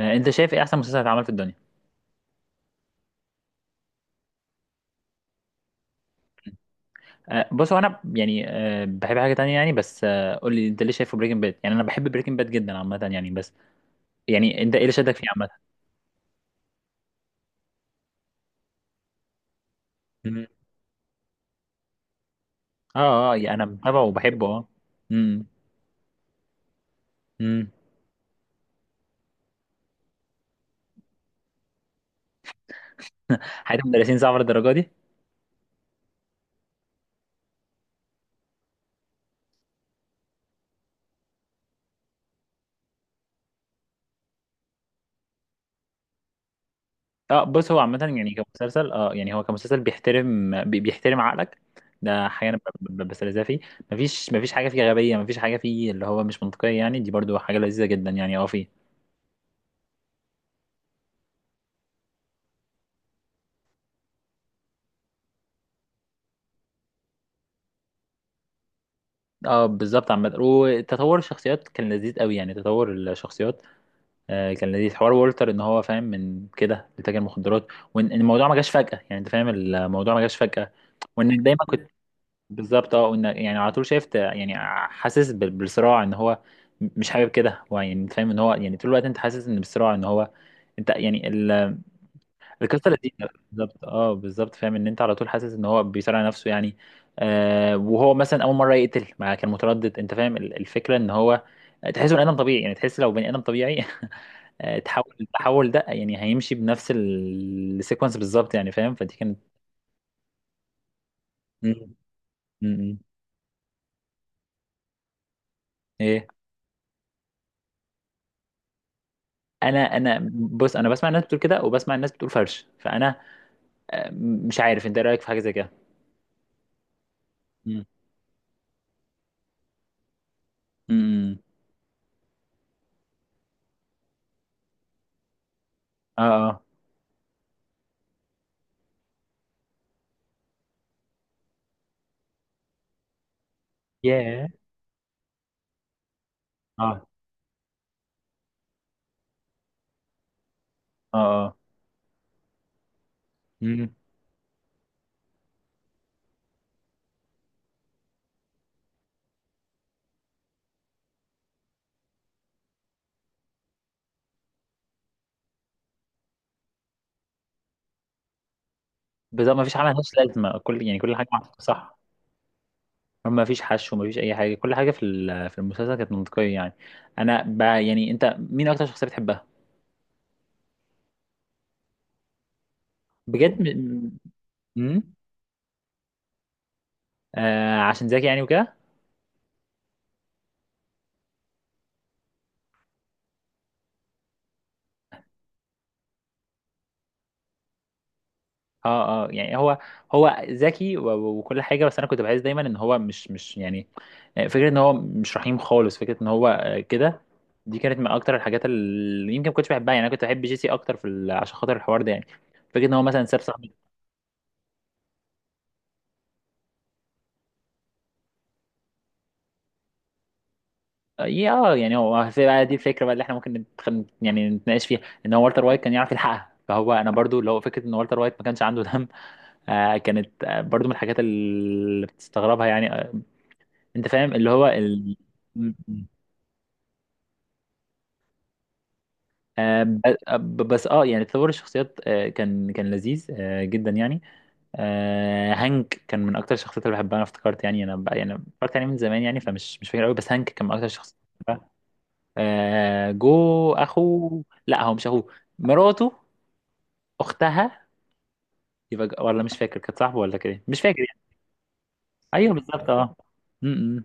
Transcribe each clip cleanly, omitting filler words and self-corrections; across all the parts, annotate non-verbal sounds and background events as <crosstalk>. انت شايف ايه احسن مسلسل اتعمل في الدنيا؟ بص، هو انا بحب حاجه تانية يعني، بس قول لي انت ليه شايفه بريكنج باد. يعني انا بحب بريكنج باد جدا عامه يعني، بس يعني انت ايه اللي شدك فيه عامه؟ مم. اه، اه، يعني انا متابعه وبحبه، اه. امم. امم. حياه المدرسين صعبه للدرجه دي؟ اه، بص، هو عامه يعني كمسلسل، اه يعني هو كمسلسل بيحترم بيحترم عقلك. ده حاجه انا بستلذها فيه. مفيش حاجه فيه غبيه، مفيش حاجه فيه اللي هو مش منطقيه يعني، دي برضو حاجه لذيذه جدا يعني، اه. اه، بالظبط. عامة، وتطور الشخصيات كان لذيذ قوي يعني، تطور الشخصيات آه كان لذيذ. حوار وولتر ان هو فاهم من كده لتاجر مخدرات، وان إن الموضوع ما جاش فجأة يعني، انت فاهم الموضوع ما جاش فجأة، وانك دايما كنت، بالظبط، اه. وانك يعني على طول شايف يعني، حاسس بالصراع ان هو مش حابب كده هو، يعني انت فاهم ان هو يعني طول الوقت انت حاسس ان بالصراع ان هو، انت يعني، القصه لذيذه بالظبط، اه بالظبط. فاهم ان انت على طول حاسس ان هو بيصارع نفسه يعني. آه وهو مثلا اول مره يقتل ما كان متردد، انت فاهم الفكره ان هو تحسه بني ادم طبيعي يعني، تحس لو بني ادم طبيعي <laughs> تحول، التحول ده يعني هيمشي بنفس السيكونس بالظبط يعني، فاهم؟ فدي كانت، مم. مم. ايه؟ انا بص، انا بسمع الناس بتقول كده وبسمع الناس بتقول فرش، فانا مش عارف انت ايه رايك في حاجه زي كده. مم. مم. اه، اه. ياه. اه، اه، اه. مم. بالظبط، مفيش حاجة ملهاش لازمة، كل يعني كل حاجة محطوطة، صح. مفيش حشو، مفيش أي حاجة، كل حاجة في في المسلسل كانت منطقية يعني. يعني أنت مين أكتر شخصية بتحبها؟ بجد، م... م... آه، عشان زكي يعني وكده؟ اه اه. يعني هو، هو ذكي وكل حاجة، بس أنا كنت بحس دايما إن هو مش يعني فكرة إن هو مش رحيم خالص، فكرة إن هو كده، دي كانت من أكتر الحاجات اللي يمكن ما كنتش بحبها يعني. أنا كنت بحب جيسي أكتر في ال... عشان خاطر الحوار ده يعني، فكرة إن هو مثلا ساب صاحبه. يا اه، يعني هو في بقى دي الفكره بقى اللي احنا ممكن يعني نتناقش فيها، ان هو والتر وايت كان يعرف يلحقها، فهو انا برضو لو فكره ان والتر وايت ما كانش عنده دم، آه كانت برضو من الحاجات اللي بتستغربها يعني، آه. انت فاهم اللي هو ال... م- م. آه بس اه، يعني تطور الشخصيات آه كان لذيذ آه جدا يعني. آه، هانك كان من اكتر الشخصيات اللي بحبها، انا افتكرت يعني، انا بقى يعني افتكرت يعني من زمان يعني، فمش مش فاكر قوي، بس هانك كان من اكتر الشخصيات. آه، جو اخوه، لا هو مش اخوه، مراته، اختها، يبقى ولا مش فاكر كانت صاحبه ولا كده إيه؟ مش فاكر يعني. ايوه بالظبط، اه. م- م.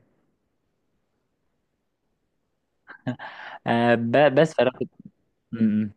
آه بس فرقت. م- م.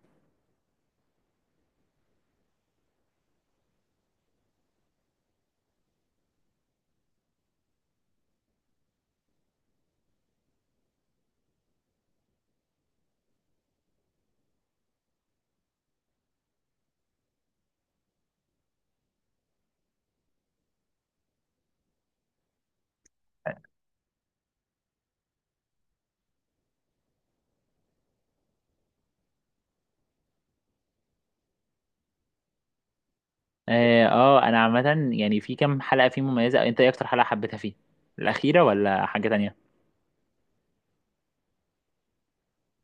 اه. انا عامه يعني، في كام حلقه فيه مميزه، انت ايه اكتر حلقه حبيتها فيه؟ الاخيره ولا حاجه تانية؟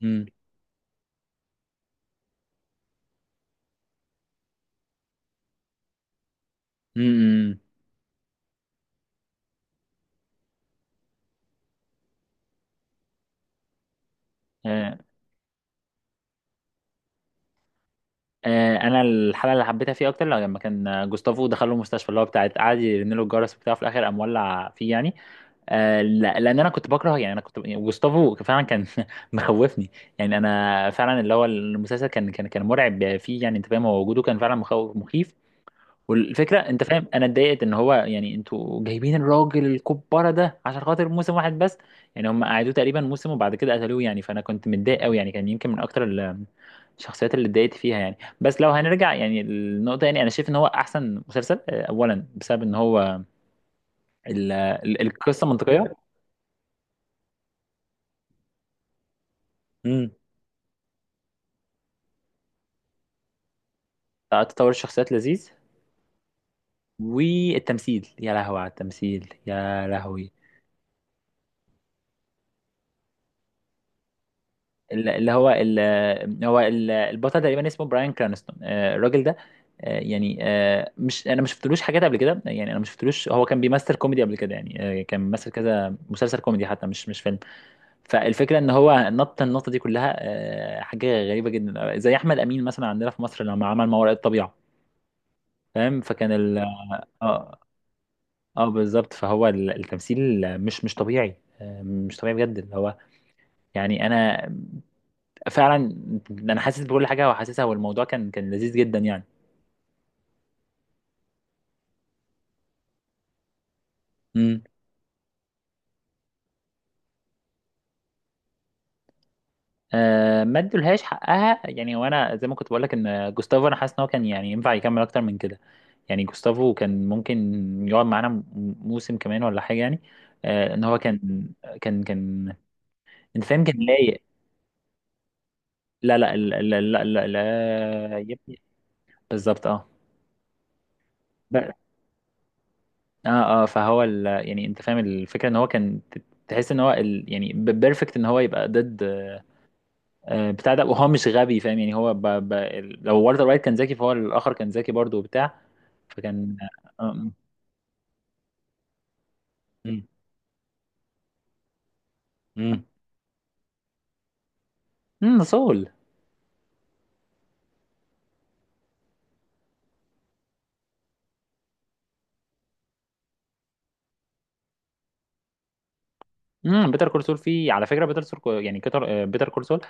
م- م- م. آه، آه، انا الحلقه اللي حبيتها فيه اكتر لو لما كان جوستافو دخل له المستشفى اللي هو بتاعت، قعد يرن له الجرس بتاعه، في الاخر قام ولع فيه يعني. آه، لا لان انا كنت بكره يعني، انا كنت يعني جوستافو فعلا كان <laughs> مخوفني. يعني انا فعلا اللي هو المسلسل كان مرعب فيه يعني، انت فاهم، هو وجوده كان فعلا مخوف، مخيف. والفكره، انت فاهم، انا اتضايقت ان هو، يعني انتوا جايبين الراجل الكبارة ده عشان خاطر موسم واحد بس؟ يعني هم قعدوه تقريبا موسم وبعد كده قتلوه يعني، فانا كنت متضايق قوي يعني، كان يمكن من اكتر الشخصيات اللي اتضايقت فيها يعني. بس لو هنرجع يعني النقطة، يعني أنا شايف إن هو أحسن مسلسل، أولا بسبب إن هو القصة منطقية. مم. تطور الشخصيات لذيذ. والتمثيل، يا لهوي على التمثيل، يا لهوي. ال- اللي هو ال- هو ال- البطل تقريبا اسمه براين كرانستون، الراجل ده مش، انا ما شفتلوش حاجات قبل كده يعني، انا ما شفتلوش، هو كان بيمثل كوميدي قبل كده يعني، كان بيمثل كذا مسلسل كوميدي حتى، مش فيلم. فالفكره ان هو نط النقطه دي كلها حاجه غريبه جدا، زي احمد امين مثلا عندنا في مصر لما عمل ما وراء الطبيعه. فاهم؟ فكان ال، اه اه بالظبط. فهو التمثيل مش طبيعي، مش طبيعي بجد، اللي هو يعني انا، فعلا انا حاسس بكل حاجه وحاسسها، والموضوع كان لذيذ جدا يعني. امم. آه، ما ادولهاش حقها، يعني وانا زي ما كنت بقول لك، ان جوستافو انا حاسس ان هو كان يعني ينفع يكمل اكتر من كده. يعني جوستافو كان ممكن يقعد معانا موسم كمان ولا حاجه يعني. آه، ان هو كان، كان انت فاهم كان لايق. لا لا لا لا لا, لا, لا, لا, لا, لا, لا, لا, لا, لا بالظبط اه. اه، اه، فهو ال...، يعني انت فاهم الفكره ان هو كان تحس ان هو ال... يعني بيرفكت ان هو يبقى ضد بتاع ده، وهو مش غبي فاهم يعني، هو ب... ب... ال- لو والتر وايت كان ذكي فهو الاخر كان ذكي برضه وبتاع. فكان آه، مم. مم. امم، سول. امم، بيتر كول سول، فيه على فكره بيتر سول يعني، كتر بيتر كول سول.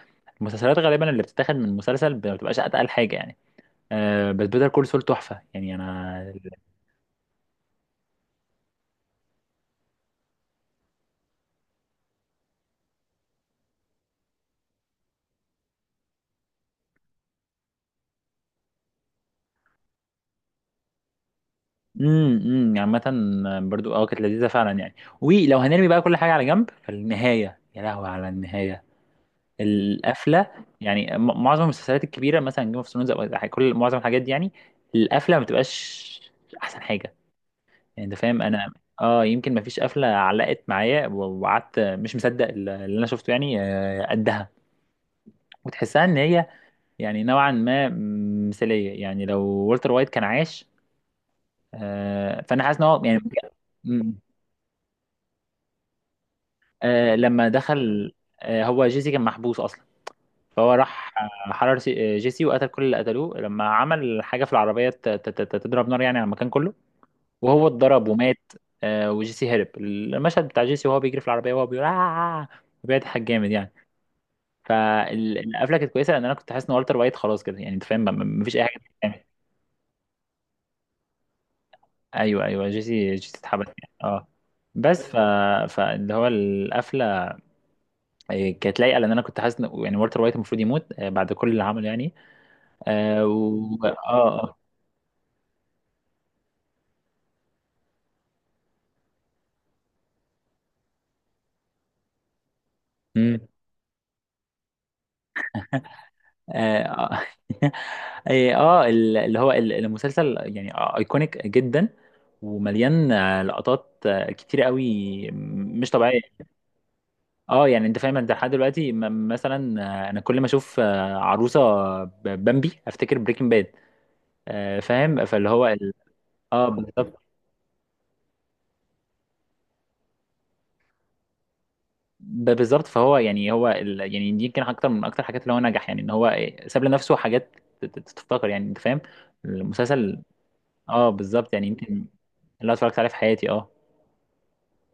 المسلسلات غالبا اللي بتتاخد من مسلسل ما بتبقاش اتقل حاجه يعني، آه. بس بيتر كول سول تحفه يعني، انا، امم، امم. يعني عامة، برضو اه كانت لذيذة فعلا يعني. ولو هنرمي بقى كل حاجة على جنب، فالنهاية، يا لهوي على النهاية. القفلة يعني، معظم المسلسلات الكبيرة، مثلا جيم اوف ثرونز او كل معظم الحاجات دي يعني، القفلة ما بتبقاش أحسن حاجة. يعني أنت فاهم، أنا اه، يمكن ما فيش قفلة علقت معايا وقعدت مش مصدق اللي أنا شفته يعني، قدها. وتحسها إن هي يعني نوعا ما مثالية، يعني لو والتر وايت كان عايش، فأنا حاسس إن هو يعني <laughs> آه لما دخل، آه هو جيسي كان محبوس اصلا، فهو راح حرر جيسي، وقتل كل اللي قتلوه لما عمل حاجه في العربيه تضرب نار يعني على المكان كله، وهو اتضرب ومات. آه وجيسي هرب، المشهد بتاع جيسي وهو بيجري في العربيه وهو بيقول آه، بيضحك جامد يعني. فالقفله كانت كويسه، لان انا كنت حاسس ان والتر وايت خلاص كده، يعني انت فاهم مفيش اي حاجه تتعمل. ايوه، ايوه، جيسي اتحبس يعني، اه. بس ف، فاللي هو القفله كانت لايقه، لان انا كنت حاسس إن، يعني والتر وايت المفروض يموت بعد كل اللي عمله يعني. اه و...، اه، اه. مم. اه، آه. <laughs> إيه، المسلسل يعني ايكونيك جدا، ومليان لقطات كتير قوي، مش طبيعيه. اه، يعني انت فاهم، انت لحد دلوقتي مثلا انا كل ما اشوف عروسه بامبي افتكر بريكنج باد. فاهم؟ فاللي هو ال... اه بالظبط، بالظبط. فهو يعني هو ال...، يعني دي يمكن اكتر من اكتر حاجات اللي هو نجح يعني ان هو إيه، ساب لنفسه حاجات تفتكر يعني، انت فاهم المسلسل. اه بالظبط، يعني يمكن اللي أنا اتفرجت عليه في حياتي، اه.